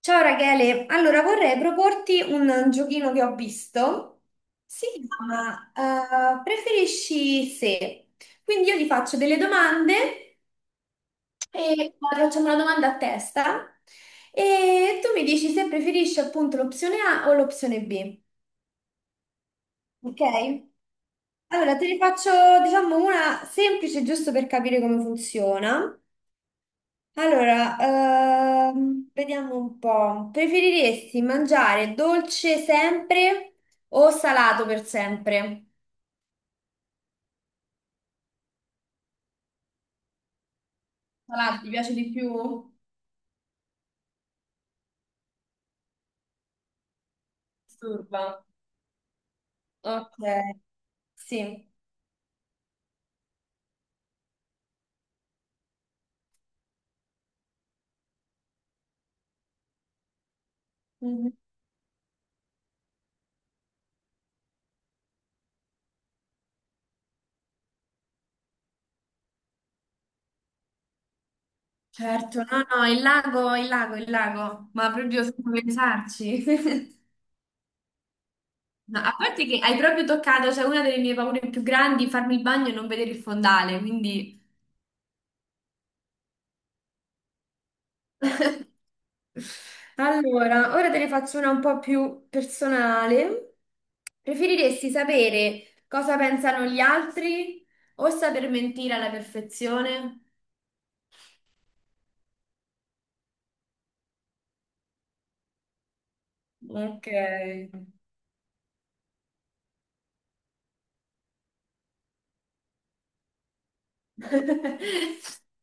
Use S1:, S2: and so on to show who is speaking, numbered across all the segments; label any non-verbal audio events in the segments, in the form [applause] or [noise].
S1: Ciao Rachele, allora vorrei proporti un giochino che ho visto. Si chiama Preferisci se. Quindi io ti faccio delle domande e poi facciamo una domanda a testa e tu mi dici se preferisci appunto l'opzione A o l'opzione B. Ok? Allora te ne faccio diciamo una semplice giusto per capire come funziona. Allora, vediamo un po'. Preferiresti mangiare dolce sempre o salato per sempre? Salato, ti piace di più? Disturba. Ok, sì. Mhm. Certo, no, no, il lago, il lago, il lago, ma proprio senza pensarci. [laughs] No, a parte che hai proprio toccato, cioè una delle mie paure più grandi, farmi il bagno e non vedere il fondale, quindi. [laughs] Allora, ora te ne faccio una un po' più personale. Preferiresti sapere cosa pensano gli altri o saper mentire alla perfezione? Ok. [laughs]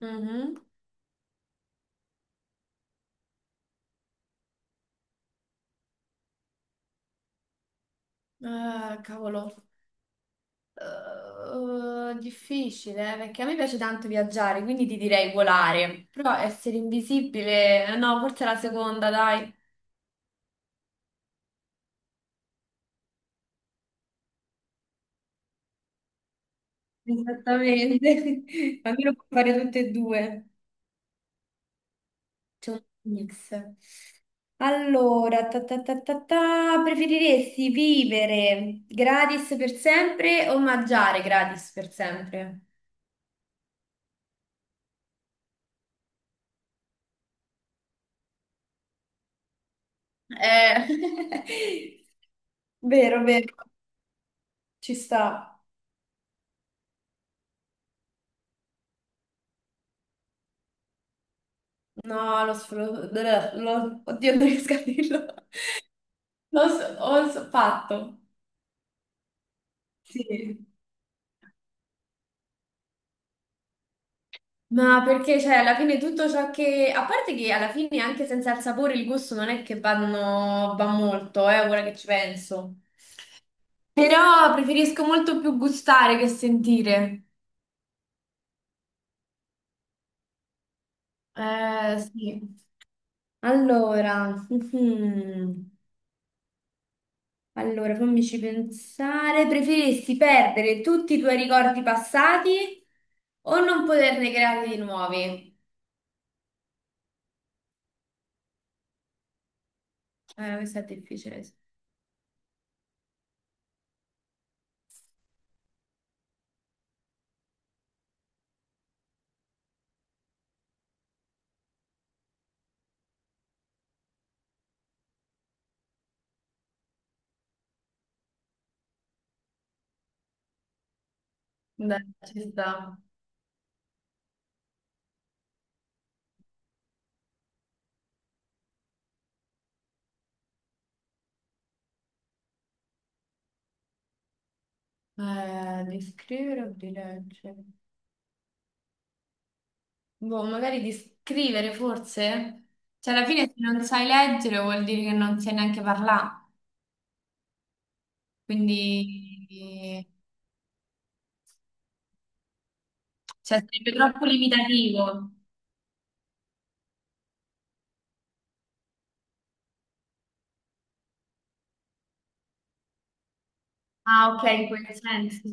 S1: Mhm. Ah, cavolo. Difficile, perché a me piace tanto viaggiare, quindi ti direi volare. Però essere invisibile, no, forse la seconda, dai. Esattamente, [laughs] almeno puoi fare tutte e due. C'è un mix. Allora, ta ta ta ta ta, preferiresti vivere gratis per sempre o mangiare gratis per sempre? Eh, [laughs] vero, vero, ci sta. No, lo sfrutto. Oddio, non riesco a dirlo. [laughs] Lo so, ho fatto. Sì. Ma perché, cioè, alla fine tutto ciò che a parte che alla fine anche senza il sapore il gusto non è che va molto, ora che ci penso. Però preferisco molto più gustare che sentire. Sì. Allora, [laughs] mhm. Allora, fammici pensare. Preferisci perdere tutti i tuoi ricordi passati o non poterne creare di nuovi? Questa è difficile. Dai, ci sta. Di scrivere o di leggere? Boh, magari di scrivere forse? Cioè, alla fine se non sai leggere vuol dire che non sai neanche parlare, quindi cioè, sarebbe troppo limitativo. Ah, ok, in quel senso.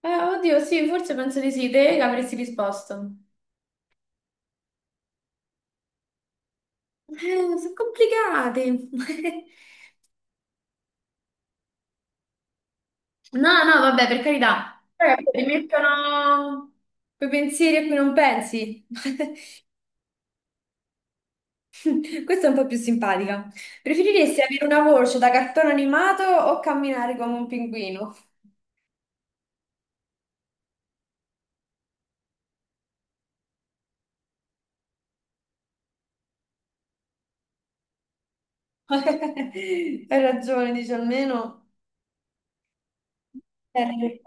S1: Oddio, sì, forse penso di sì, te che avresti risposto. Sono complicati. [laughs] No, no, vabbè, per carità. Ti mettono quei pensieri a cui non pensi. [laughs] Questa è un po' più simpatica. Preferiresti avere una voce da cartone animato o camminare come un pinguino? [laughs] Hai ragione, dice almeno. Eh,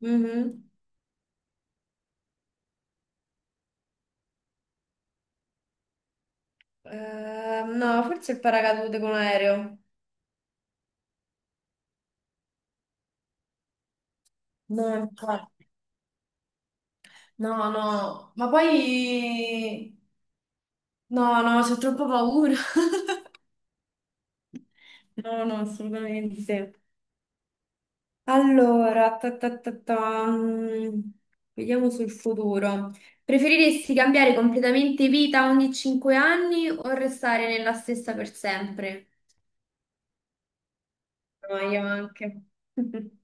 S1: Mhm. No, forse il paracadute con l'aereo. No, infatti, no, no, ma poi no, no, c'ho troppa paura. [laughs] No, no, assolutamente. Allora, ta ta ta ta, vediamo sul futuro. Preferiresti cambiare completamente vita ogni 5 anni o restare nella stessa per sempre? No, io anche. [laughs]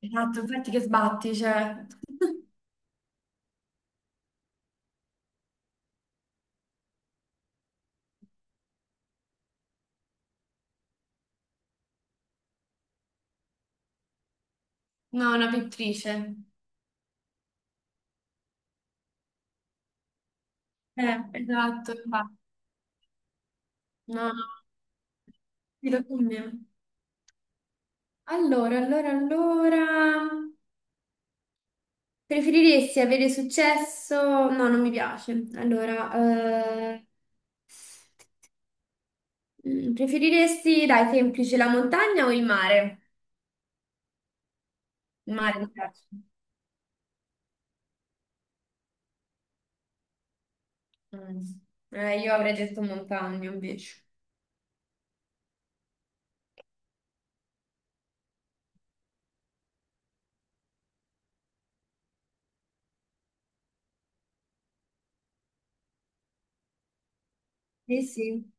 S1: Esatto, infatti che sbatti, cioè. [laughs] No, una pittrice. Eh, Esatto, esatto, infatti. No, no, mi tocca a me. Allora, allora, allora. Preferiresti avere successo? No, non mi piace. Allora, eh, preferiresti, dai, semplice, la montagna o il mare? Il mare mi piace. Mm. Io avrei detto montagna invece. Sì, sì.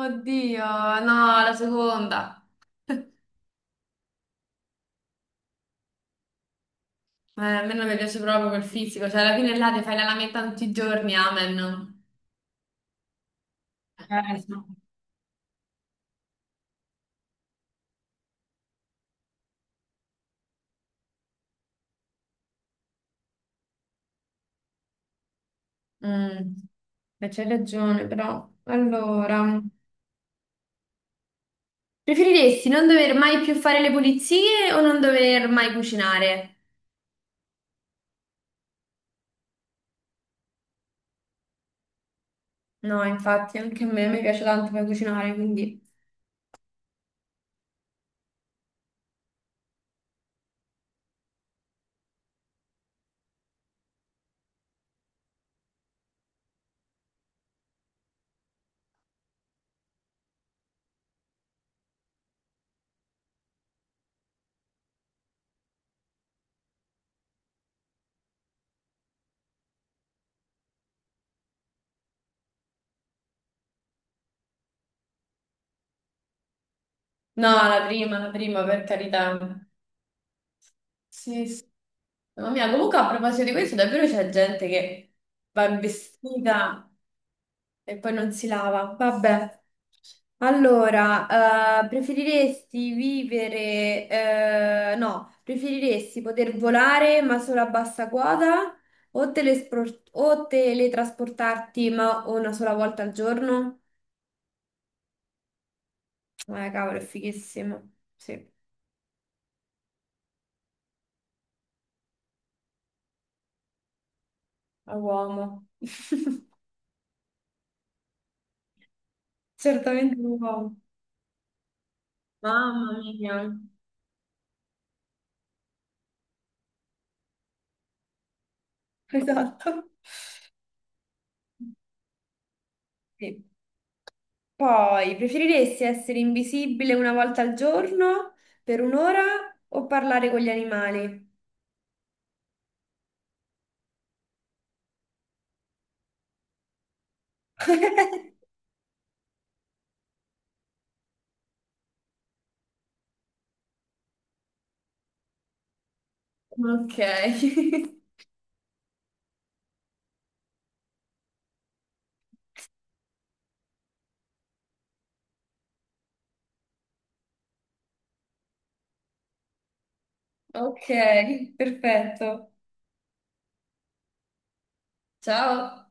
S1: Oddio, no, la seconda. [laughs] A me non mi piace proprio quel fisico, cioè alla fine là ti fai la lametta tutti i giorni, amen. No. Mm. Beh, c'hai ragione, però. Allora, preferiresti non dover mai più fare le pulizie o non dover mai cucinare? No, infatti anche a me mi piace tanto per cucinare, quindi. No, la prima, per carità. Sì, sì. Mamma mia, comunque a proposito di questo, davvero c'è gente che va in vestita e poi non si lava. Vabbè. Allora, preferiresti no, preferiresti poter volare ma solo a bassa quota o, o teletrasportarti ma una sola volta al giorno? Cavolo, è fighissimo. Sì. A uomo. [laughs] Certamente un uomo. Mamma mia. Esatto. Sì. Poi, preferiresti essere invisibile una volta al giorno per un'ora o parlare con gli animali? [laughs] Ok. [laughs] Ok, perfetto. Ciao.